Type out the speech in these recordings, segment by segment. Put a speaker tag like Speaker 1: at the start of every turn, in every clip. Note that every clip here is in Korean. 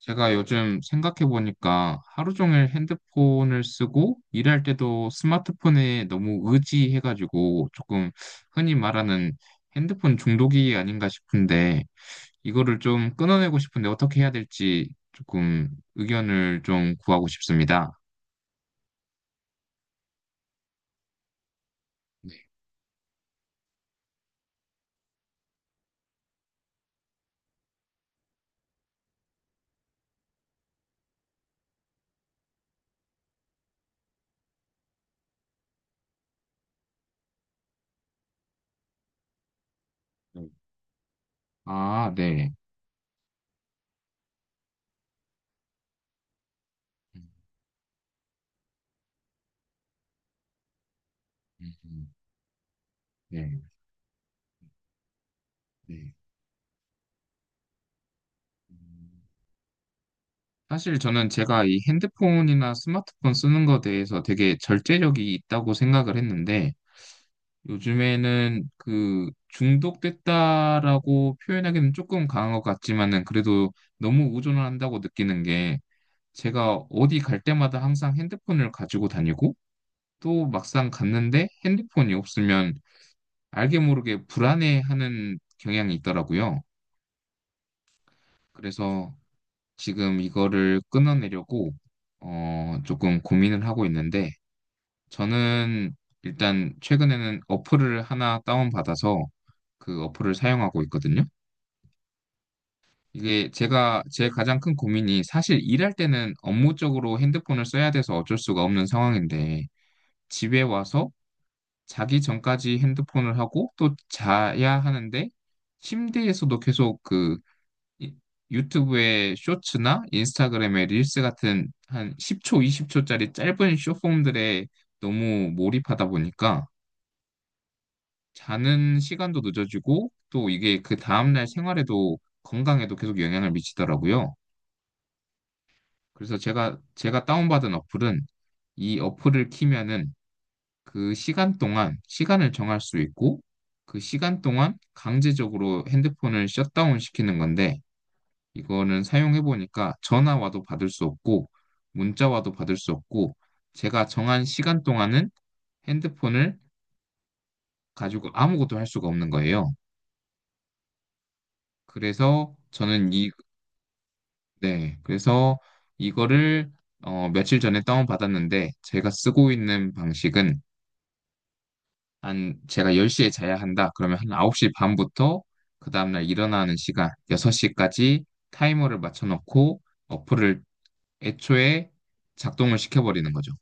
Speaker 1: 제가 요즘 생각해보니까 하루 종일 핸드폰을 쓰고 일할 때도 스마트폰에 너무 의지해가지고 조금 흔히 말하는 핸드폰 중독이 아닌가 싶은데, 이거를 좀 끊어내고 싶은데 어떻게 해야 될지 조금 의견을 좀 구하고 싶습니다. 네. 네. 아, 네. 음. 음. 음. 네. 네. 음. 사실 저는 제가 이 핸드폰이나 스마트폰 쓰는 거에 대해서 되게 절제력이 있다고 생각을 했는데, 요즘에는 그 중독됐다라고 표현하기는 조금 강한 것 같지만은 그래도 너무 의존을 한다고 느끼는 게, 제가 어디 갈 때마다 항상 핸드폰을 가지고 다니고, 또 막상 갔는데 핸드폰이 없으면 알게 모르게 불안해하는 경향이 있더라고요. 그래서 지금 이거를 끊어내려고 조금 고민을 하고 있는데, 저는 일단 최근에는 어플을 하나 다운받아서 그 어플을 사용하고 있거든요. 이게 제가 제 가장 큰 고민이, 사실 일할 때는 업무적으로 핸드폰을 써야 돼서 어쩔 수가 없는 상황인데, 집에 와서 자기 전까지 핸드폰을 하고 또 자야 하는데, 침대에서도 계속 그 이- 유튜브의 쇼츠나 인스타그램의 릴스 같은 한 10초, 20초짜리 짧은 쇼폼들에 너무 몰입하다 보니까 자는 시간도 늦어지고 또 이게 그 다음날 생활에도 건강에도 계속 영향을 미치더라고요. 그래서 제가 다운받은 어플은, 이 어플을 키면은 그 시간 동안 시간을 정할 수 있고 그 시간 동안 강제적으로 핸드폰을 셧다운 시키는 건데, 이거는 사용해 보니까 전화 와도 받을 수 없고 문자 와도 받을 수 없고 제가 정한 시간 동안은 핸드폰을 가지고 아무것도 할 수가 없는 거예요. 그래서 저는 네, 그래서 이거를 며칠 전에 다운받았는데, 제가 쓰고 있는 방식은, 한 제가 10시에 자야 한다. 그러면 한 9시 반부터 그 다음날 일어나는 시간 6시까지 타이머를 맞춰 놓고 어플을 애초에 작동을 시켜버리는 거죠.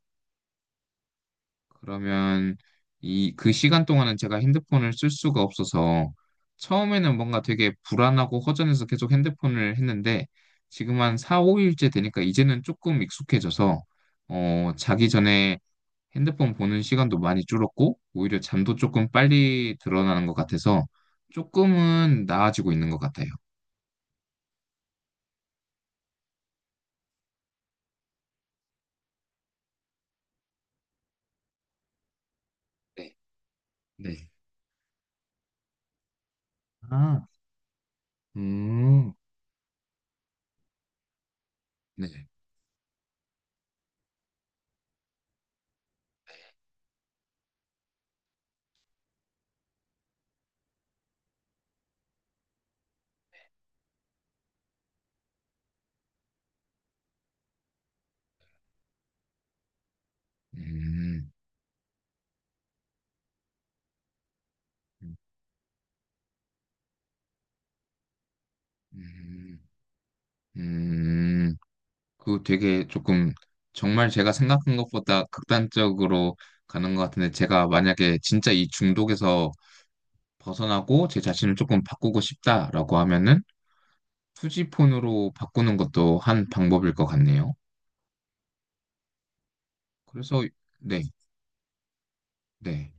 Speaker 1: 그러면 이 그 시간 동안은 제가 핸드폰을 쓸 수가 없어서 처음에는 뭔가 되게 불안하고 허전해서 계속 핸드폰을 했는데, 지금 한 4, 5일째 되니까 이제는 조금 익숙해져서, 자기 전에 핸드폰 보는 시간도 많이 줄었고, 오히려 잠도 조금 빨리 드러나는 것 같아서 조금은 나아지고 있는 것 같아요. 네, 네. 아, 음, 네. 음. 음. 음, 그 되게 조금, 정말 제가 생각한 것보다 극단적으로 가는 것 같은데, 제가 만약에 진짜 이 중독에서 벗어나고 제 자신을 조금 바꾸고 싶다라고 하면은 투지폰으로 바꾸는 것도 한 방법일 것 같네요. 그래서. 네. 네.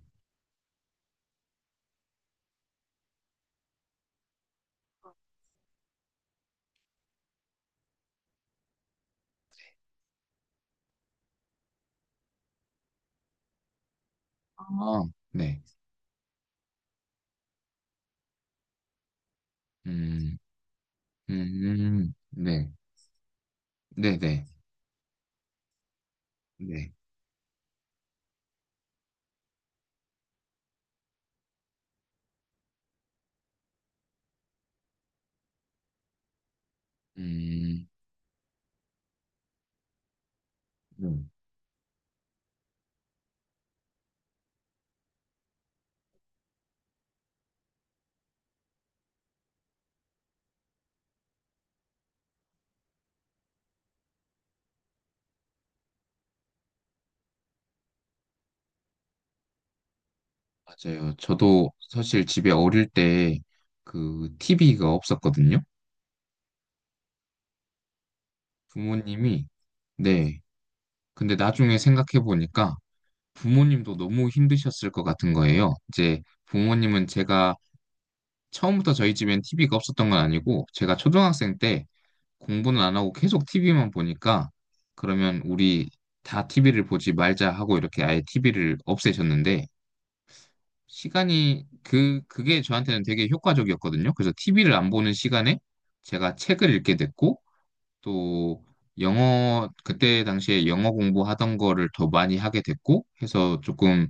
Speaker 1: 아, 네. 음, 네. 네네. 네. 음, 네. 맞아요. 저도 사실 집에 어릴 때 그 TV가 없었거든요. 부모님이. 네. 근데 나중에 생각해 보니까 부모님도 너무 힘드셨을 것 같은 거예요. 이제 부모님은, 제가 처음부터 저희 집엔 TV가 없었던 건 아니고 제가 초등학생 때 공부는 안 하고 계속 TV만 보니까, 그러면 우리 다 TV를 보지 말자 하고 이렇게 아예 TV를 없애셨는데, 시간이 그 그게 저한테는 되게 효과적이었거든요. 그래서 TV를 안 보는 시간에 제가 책을 읽게 됐고, 또 영어, 그때 당시에 영어 공부하던 거를 더 많이 하게 됐고 해서, 조금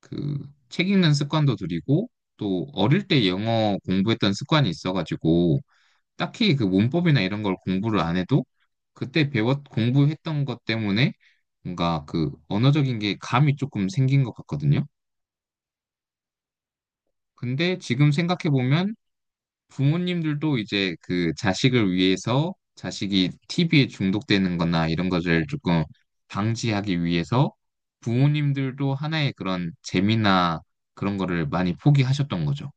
Speaker 1: 그 책 읽는 습관도 들이고 또 어릴 때 영어 공부했던 습관이 있어가지고 딱히 그 문법이나 이런 걸 공부를 안 해도 그때 공부했던 것 때문에 뭔가 그 언어적인 게 감이 조금 생긴 것 같거든요. 근데 지금 생각해보면, 부모님들도 이제 그 자식을 위해서, 자식이 TV에 중독되는 거나 이런 것을 조금 방지하기 위해서 부모님들도 하나의 그런 재미나 그런 거를 많이 포기하셨던 거죠.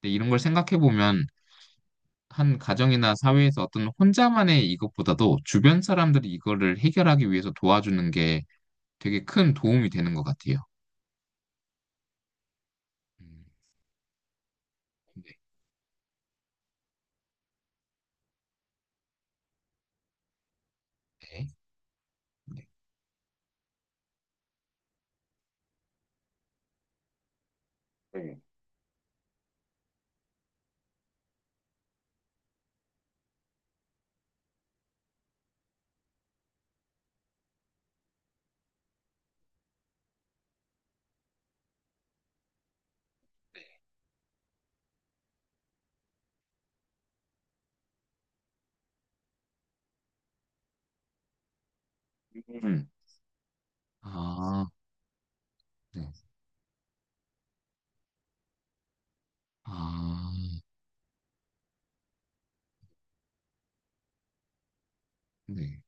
Speaker 1: 근데 이런 걸 생각해보면, 한 가정이나 사회에서 어떤 혼자만의 이것보다도 주변 사람들이 이거를 해결하기 위해서 도와주는 게 되게 큰 도움이 되는 것 같아요. 음, 네. 네. 네. 네. 음. 아, 네. 아, 네.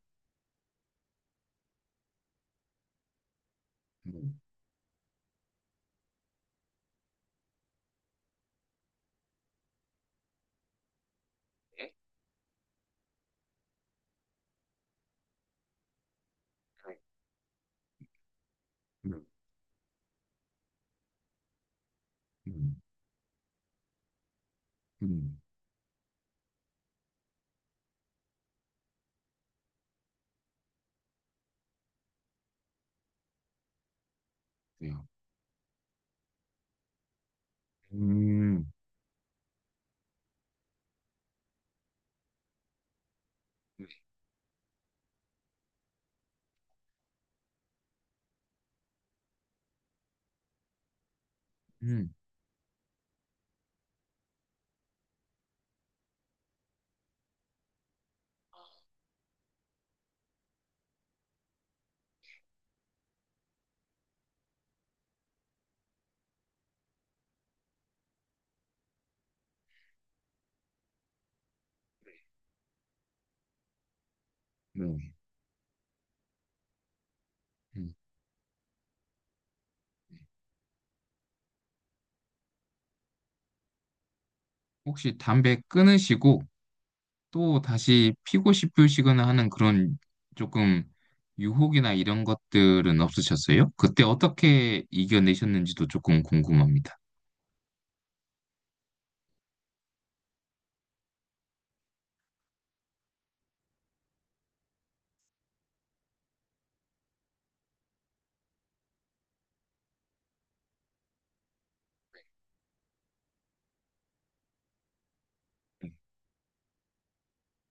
Speaker 1: 음. 네. 음. 음. 음, 그래요. 음, 음, 네. 음. 혹시 담배 끊으시고 또 다시 피고 싶으시거나 하는 그런 조금 유혹이나 이런 것들은 없으셨어요? 그때 어떻게 이겨내셨는지도 조금 궁금합니다.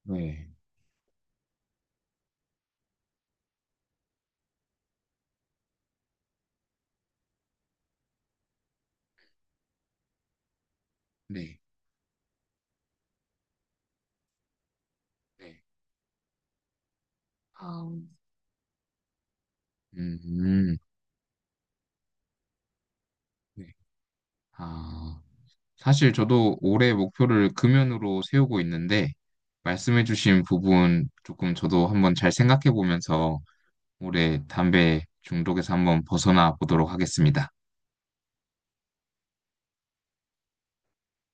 Speaker 1: 네, 네, 네. 아, 음, 네. 아, 사실 저도 올해 목표를 금연으로 세우고 있는데, 말씀해주신 부분 조금 저도 한번 잘 생각해 보면서 올해 담배 중독에서 한번 벗어나 보도록 하겠습니다.